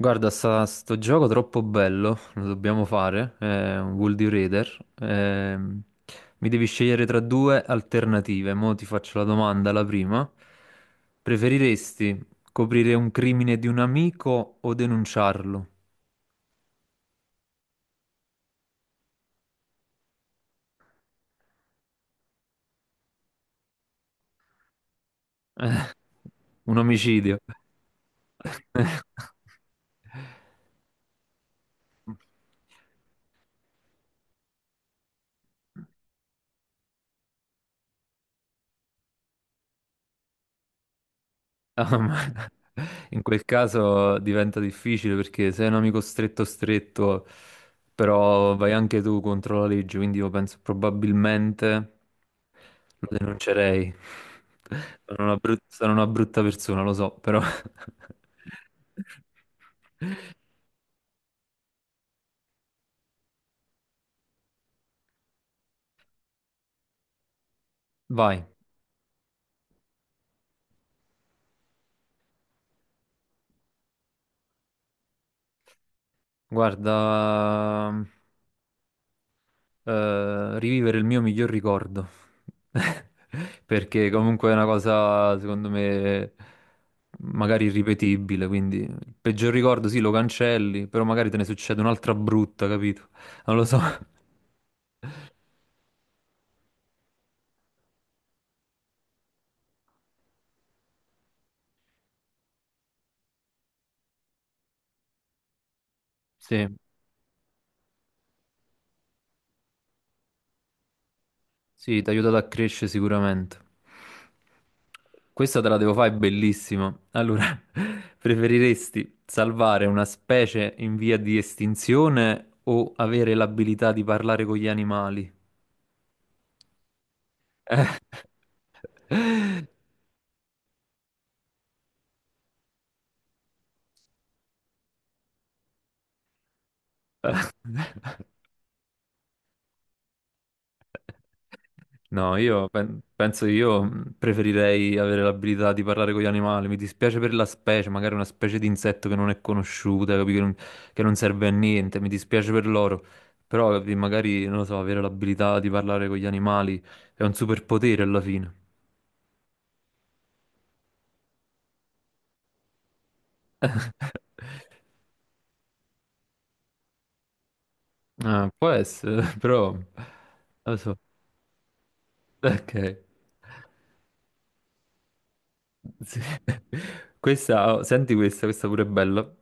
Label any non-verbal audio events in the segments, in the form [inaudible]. Guarda, sto gioco troppo bello, lo dobbiamo fare, è un World Raider. Mi devi scegliere tra due alternative. Mo' ti faccio la domanda, la prima. Preferiresti coprire un crimine di un amico o denunciarlo? [laughs] Un omicidio. [laughs] Ah, ma [laughs] in quel caso diventa difficile perché sei un amico stretto stretto, però vai anche tu contro la legge, quindi io penso probabilmente lo denuncerei. [laughs] Sono una brutta persona, lo so, però... [laughs] Vai, guarda... rivivere il mio miglior ricordo. [laughs] Perché comunque è una cosa, secondo me, magari irripetibile. Quindi il peggior ricordo sì, lo cancelli, però magari te ne succede un'altra brutta, capito? Non lo so. [laughs] Sì. Sì, ti ha aiutato a crescere sicuramente. Questa te la devo fare, è bellissima. Allora, [laughs] preferiresti salvare una specie in via di estinzione o avere l'abilità di parlare con gli animali? [laughs] Eh. [laughs] No, io penso che io preferirei avere l'abilità di parlare con gli animali. Mi dispiace per la specie, magari una specie di insetto che non è conosciuta, capi? Che non serve a niente. Mi dispiace per loro. Però, capi, magari, non lo so, avere l'abilità di parlare con gli animali è un superpotere alla fine. [laughs] Ah, può essere, [laughs] però... Non lo so. Ok. [laughs] Sì. Questa, oh, senti questa, questa pure è bella.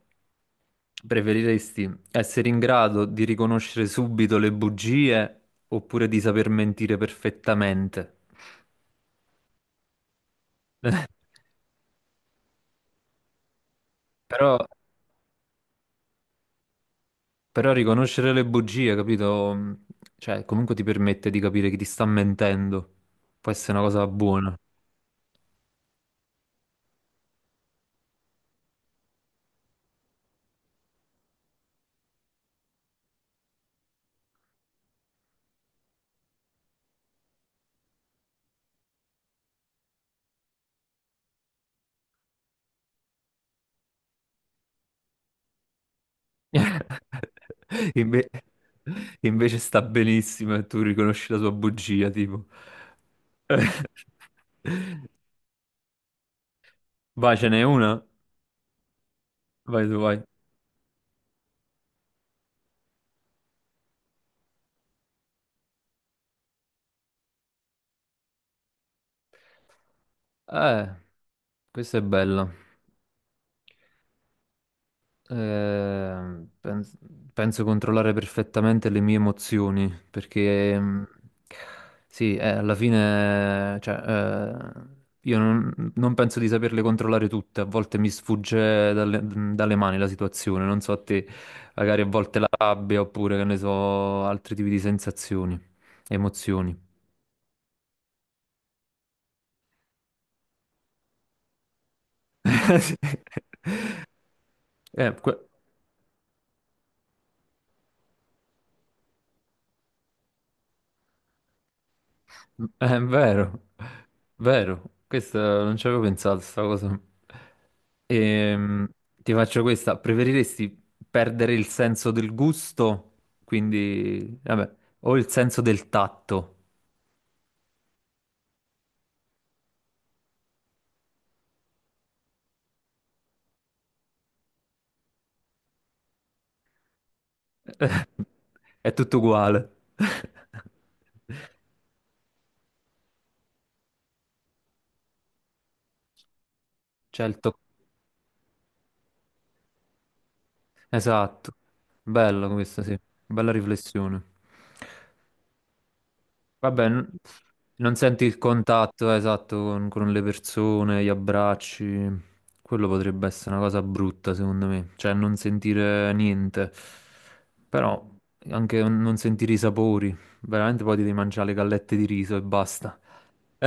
Preferiresti essere in grado di riconoscere subito le bugie oppure di saper mentire perfettamente? [laughs] Però, però riconoscere le bugie, capito? Cioè, comunque ti permette di capire chi ti sta mentendo. Può essere una cosa buona. [laughs] Inve- invece sta benissimo e tu riconosci la sua bugia, tipo. [laughs] Vai, ce n'è una? Vai tu, vai. Eh, questa è bella. Eh, pens- penso controllare perfettamente le mie emozioni perché sì, alla fine, cioè, io non penso di saperle controllare tutte, a volte mi sfugge dalle mani la situazione, non so a te, magari a volte la rabbia oppure che ne so, altri tipi di sensazioni, emozioni. [laughs] Eh, que- È vero, vero, questo non ci avevo pensato, sta cosa. Ehm, Ti faccio questa, preferiresti perdere il senso del gusto, quindi, vabbè, o il senso del tatto? [laughs] È tutto uguale. [laughs] C'è il tocco, esatto, bello questo, sì, bella riflessione. Vabbè, non senti il contatto esatto con le persone, gli abbracci. Quello potrebbe essere una cosa brutta, secondo me. Cioè, non sentire niente. Però anche non sentire i sapori. Veramente poi ti devi mangiare le gallette di riso e basta. [laughs]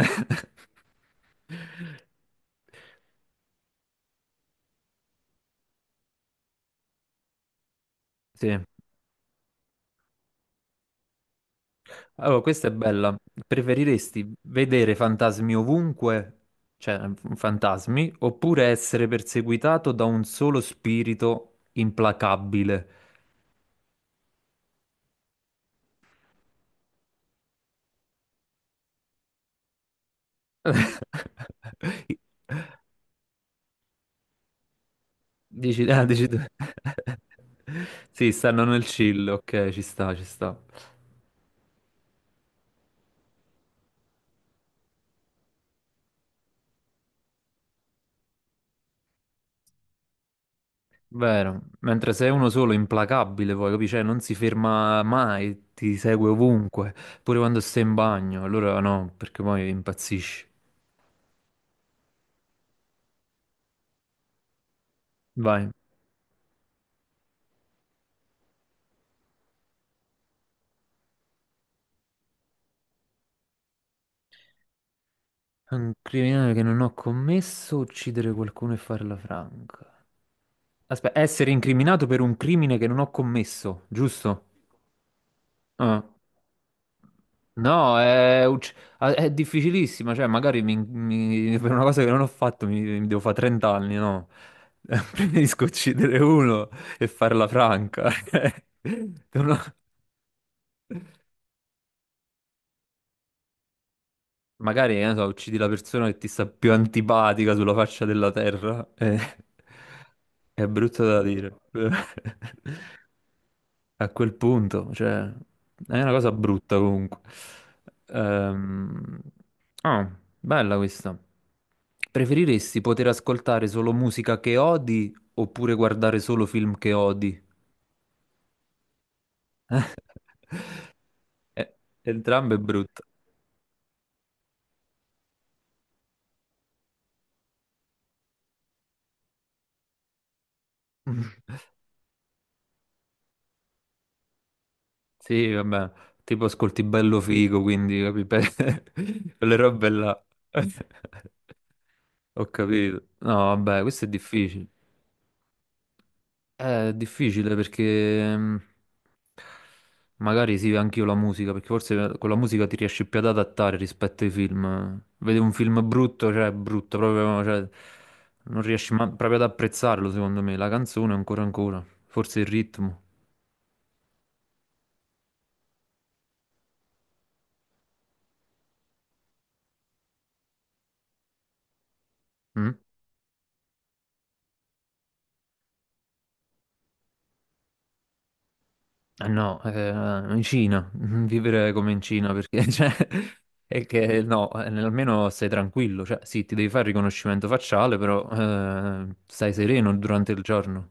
Sì. Allora, questa è bella. Preferiresti vedere fantasmi ovunque, cioè fantasmi, oppure essere perseguitato da un solo spirito implacabile? [laughs] Dici, ah, dici tu. [laughs] Sì, stanno nel chill, ok, ci sta, ci sta. Vero, mentre se è uno solo implacabile, poi capisci, cioè, non si ferma mai, ti segue ovunque, pure quando stai in bagno, allora no, perché poi impazzisci. Vai. Un criminale che non ho commesso, uccidere qualcuno e farla franca. Aspetta, essere incriminato per un crimine che non ho commesso, giusto? Ah. No, è difficilissima, cioè magari per una cosa che non ho fatto mi devo fare 30 anni, no? [laughs] Preferisco uccidere uno e farla franca. [laughs] No, magari, che ne so, uccidi la persona che ti sta più antipatica sulla faccia della terra. [laughs] È brutto da dire. [laughs] A quel punto, cioè, è una cosa brutta comunque. Ehm, Ah, bella questa. Preferiresti poter ascoltare solo musica che odi oppure guardare solo film che odi? [laughs] Eh, Entrambe brutte. [laughs] Sì, vabbè, tipo ascolti bello figo, quindi capi? Per- [laughs] Quelle robe là. [laughs] Ho capito. No, vabbè, questo è difficile. È difficile perché mm, magari sì, anche io la musica, perché forse con la musica ti riesci più ad adattare rispetto ai film. Vedi un film brutto, cioè è brutto, proprio, cioè, non riesci proprio ad apprezzarlo, secondo me. La canzone ancora ancora, forse il ritmo. Mm? Ah, no, in Cina, [laughs] vivere come in Cina perché [laughs] cioè, è che no, almeno stai tranquillo, cioè sì, ti devi fare il riconoscimento facciale, però stai sereno durante il giorno.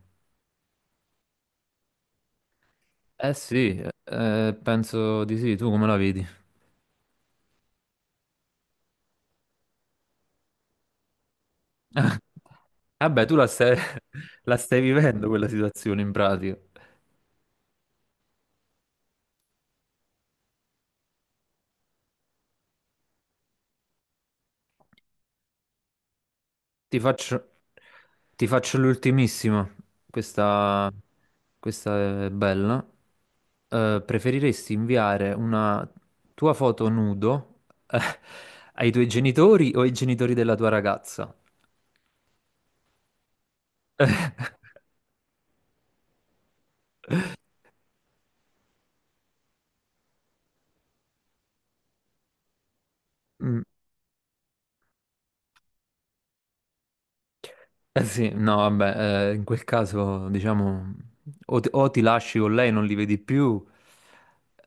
Eh sì, penso di sì, tu come la vedi? [laughs] Ah, vabbè, tu la stai, [laughs] la stai vivendo quella situazione in pratica. Ti faccio, ti faccio l'ultimissima. Questa, questa è bella. Preferiresti inviare una tua foto nudo, eh, ai tuoi genitori o ai genitori della tua ragazza? [laughs] Mm, eh sì, no, vabbè, in quel caso, diciamo, o ti lasci con lei, non li vedi più.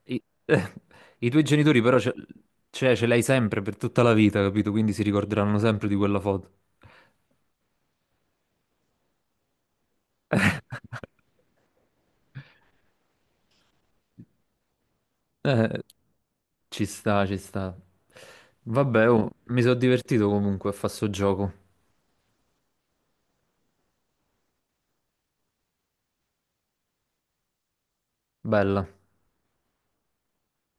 I, [laughs] eh, i tuoi genitori però cioè, ce l'hai sempre per tutta la vita, capito? Quindi si ricorderanno sempre di quella foto. Eh, Ci sta, ci sta. Vabbè, oh, mi sono divertito comunque a fare sto gioco. Bella.